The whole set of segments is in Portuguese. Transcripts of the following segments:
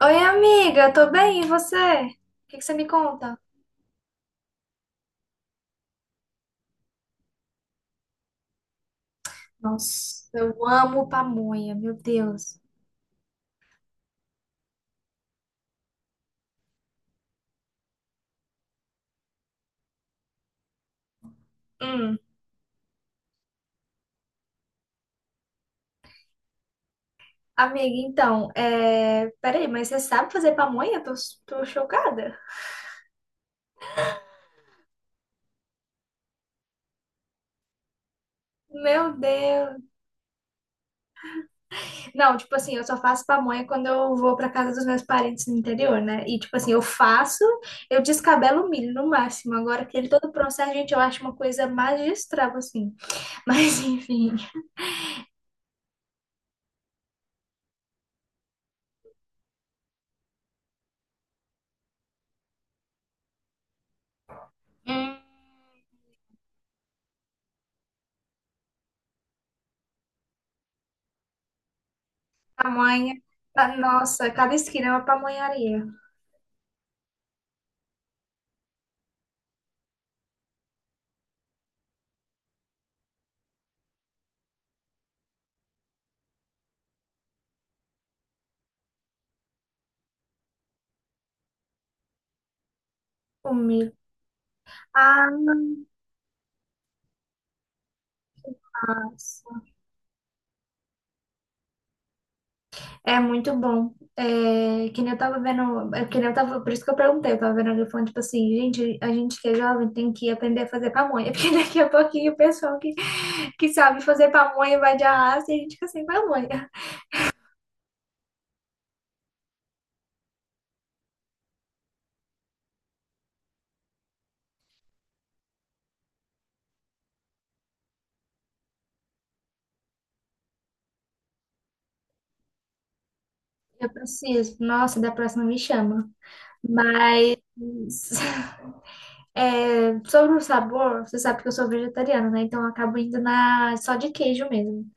Oi, amiga, tô bem, e você? O que que você me conta? Nossa, eu amo pamonha, meu Deus. Hum, amiga, então, é... peraí, mas você sabe fazer pamonha? Tô chocada. Meu Deus. Não, tipo assim, eu só faço pamonha quando eu vou pra casa dos meus parentes no interior, né? E, tipo assim, eu faço, eu descabelo o milho no máximo. Agora, aquele todo processo, gente, eu acho uma coisa magistral, assim. Mas, enfim. Hum. Pamonha. Ah, nossa, cada esquina é uma pamonharia. O milho. Ah, nossa. É muito bom. É, que nem eu tava vendo. É, que nem eu tava, por isso que eu perguntei. Eu tava vendo alguém falando, tipo assim, gente, a gente que é jovem tem que aprender a fazer pamonha. Porque daqui a pouquinho o pessoal que sabe fazer pamonha vai de arrasto e a gente fica sem pamonha. Eu preciso. Nossa, da próxima me chama. Mas. É, sobre o sabor, você sabe que eu sou vegetariana, né? Então eu acabo indo na só de queijo mesmo.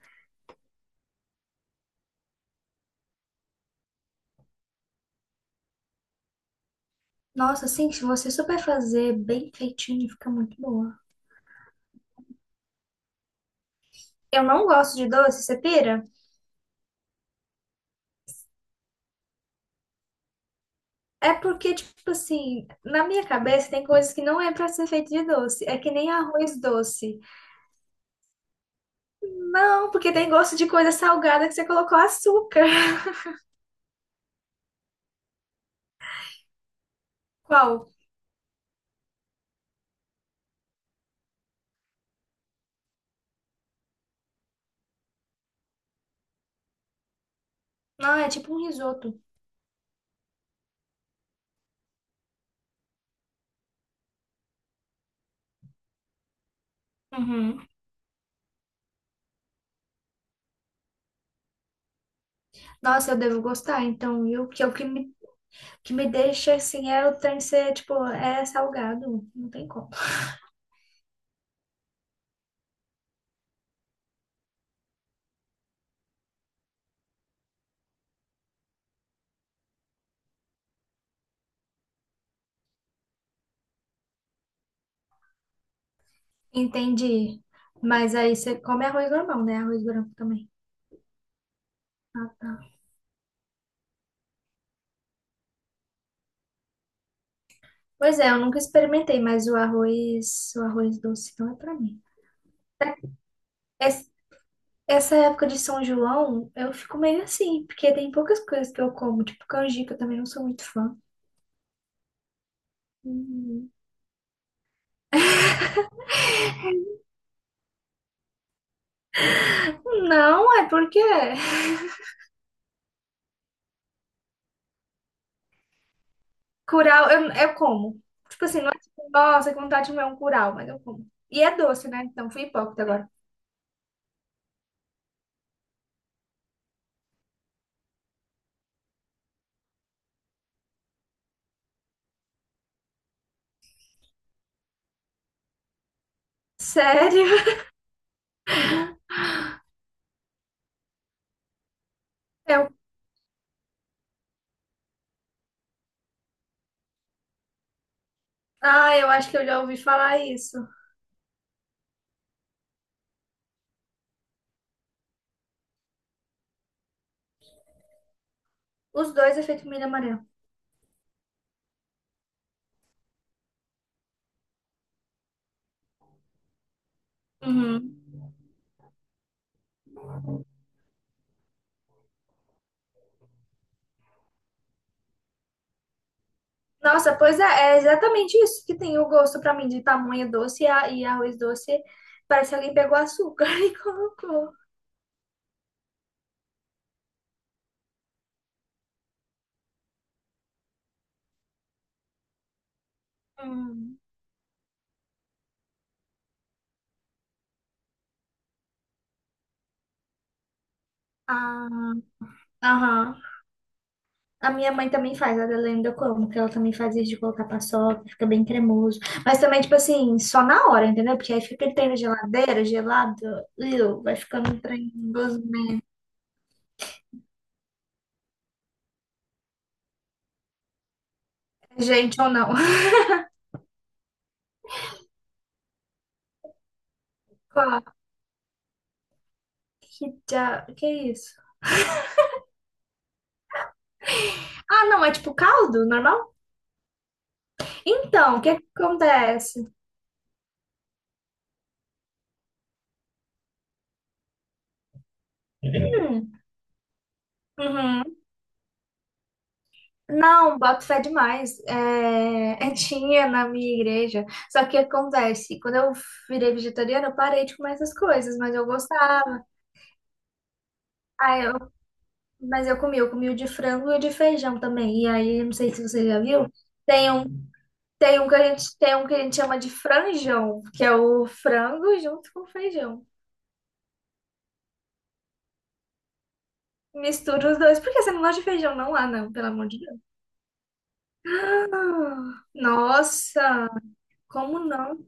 Nossa, assim, se você souber fazer bem feitinho, fica muito boa. Eu não gosto de doce, você pira? É porque, tipo assim, na minha cabeça tem coisas que não é pra ser feito de doce. É que nem arroz doce. Não, porque tem gosto de coisa salgada que você colocou açúcar. Qual? Não, é tipo um risoto. Uhum. Nossa, eu devo gostar, então, eu que é o que me deixa assim, é o trem ser, tipo, é salgado, não tem como. Entendi. Mas aí você come arroz normal, né? Arroz branco também. Ah, tá. Pois é, eu nunca experimentei, mas o arroz doce não é pra mim. Es- Essa época de São João, eu fico meio assim, porque tem poucas coisas que eu como, tipo canjica, eu também não sou muito fã. Uhum. Não, é porque Curau, eu como. Tipo assim, não é tipo, nossa, que vontade de comer um curau, mas eu como. E é doce, né? Então fui hipócrita agora. Sério? Eu, ah, eu acho que eu já ouvi falar isso. Os dois é feito milho amarelo. Uhum. Nossa, pois é, é exatamente isso que tem o gosto pra mim de tamanho doce e, a- e arroz doce. Parece que alguém pegou açúcar e colocou. Hum. Ah, aham. A minha mãe também faz, a da Lenda eu como, que ela também faz isso de colocar paçoca, fica bem cremoso. Mas também, tipo assim, só na hora, entendeu? Porque aí fica aquele trem na geladeira, gelado, iu, vai ficando um trem gostoso, né? Gente ou não. Qual? Que, dia- que é isso? Ah, não, é tipo caldo, normal? Então, o que que acontece? Hum, uhum. Não, boto fé demais. É, tinha na minha igreja. Só que acontece, quando eu virei vegetariana, eu parei de comer essas coisas, mas eu gostava. Ah, eu, mas eu comi o de frango e o de feijão também. E aí, não sei se você já viu, tem um, tem um que a gente, tem um que a gente chama de franjão, que é o frango junto com o feijão. Mistura os dois. Por que você não gosta de feijão? Não há, não, pelo amor de Deus. Ah, nossa, como não?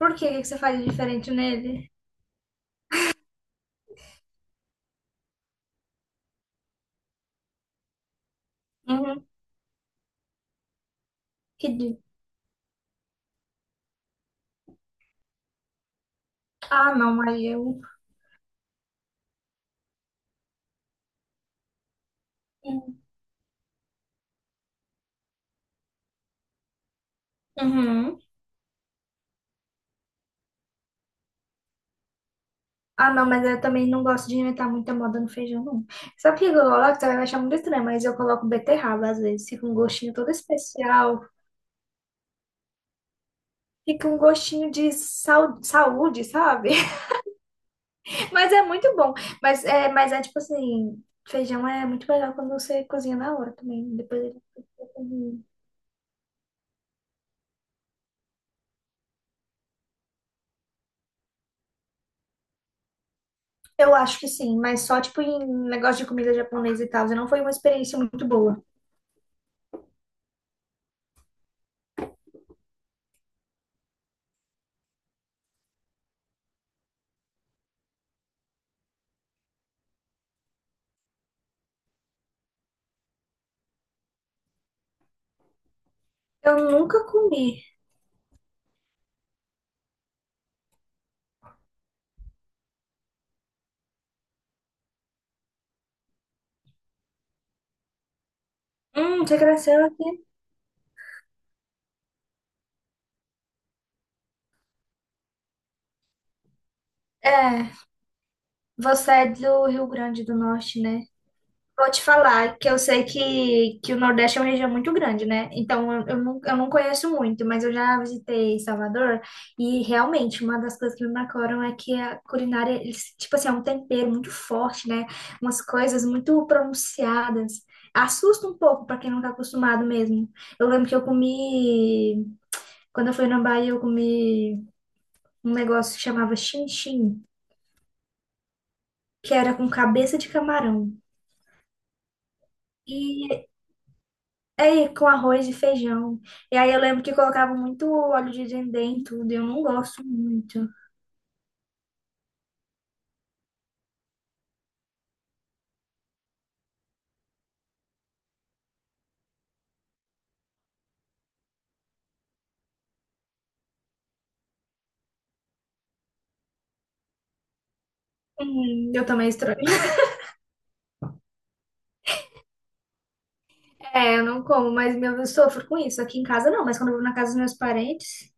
Por que, O que que você faz de diferente nele? Uhum, que di- Ah, não, mas eu. Uhum. Ah, não, mas eu também não gosto de inventar muita moda no feijão, não. Sabe o que eu coloco? Você vai achar muito estranho, mas eu coloco beterraba às vezes. Fica um gostinho todo especial. Fica um gostinho de saúde, sabe? Mas é muito bom. Mas é tipo assim, feijão é muito melhor quando você cozinha na hora também. Depois ele... fica com- Eu acho que sim, mas só tipo em negócio de comida japonesa e tal. Não foi uma experiência muito boa. Eu nunca comi. Você cresceu aqui? É. Você é do Rio Grande do Norte, né? Vou te falar que eu sei que o Nordeste é uma região muito grande, né? Então eu não conheço muito, mas eu já visitei Salvador e realmente uma das coisas que me marcaram é que a culinária, eles, tipo assim, é um tempero muito forte, né? Umas coisas muito pronunciadas. Assusta um pouco para quem não tá acostumado mesmo. Eu lembro que eu comi, quando eu fui na Bahia, eu comi um negócio que chamava chin-chin, que era com cabeça de camarão. E é, com arroz e feijão. E aí eu lembro que colocava muito óleo de dendê em tudo, e eu não gosto muito. Eu também estranho. É, eu não como, mas meu, eu sofro com isso. Aqui em casa não, mas quando eu vou na casa dos meus parentes.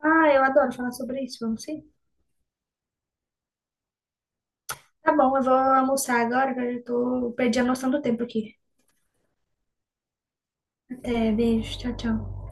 Ah, eu adoro falar sobre isso, vamos sim. Tá bom, eu vou almoçar agora, que eu já tô, perdi a noção do tempo aqui. Até, beijo, tchau, tchau.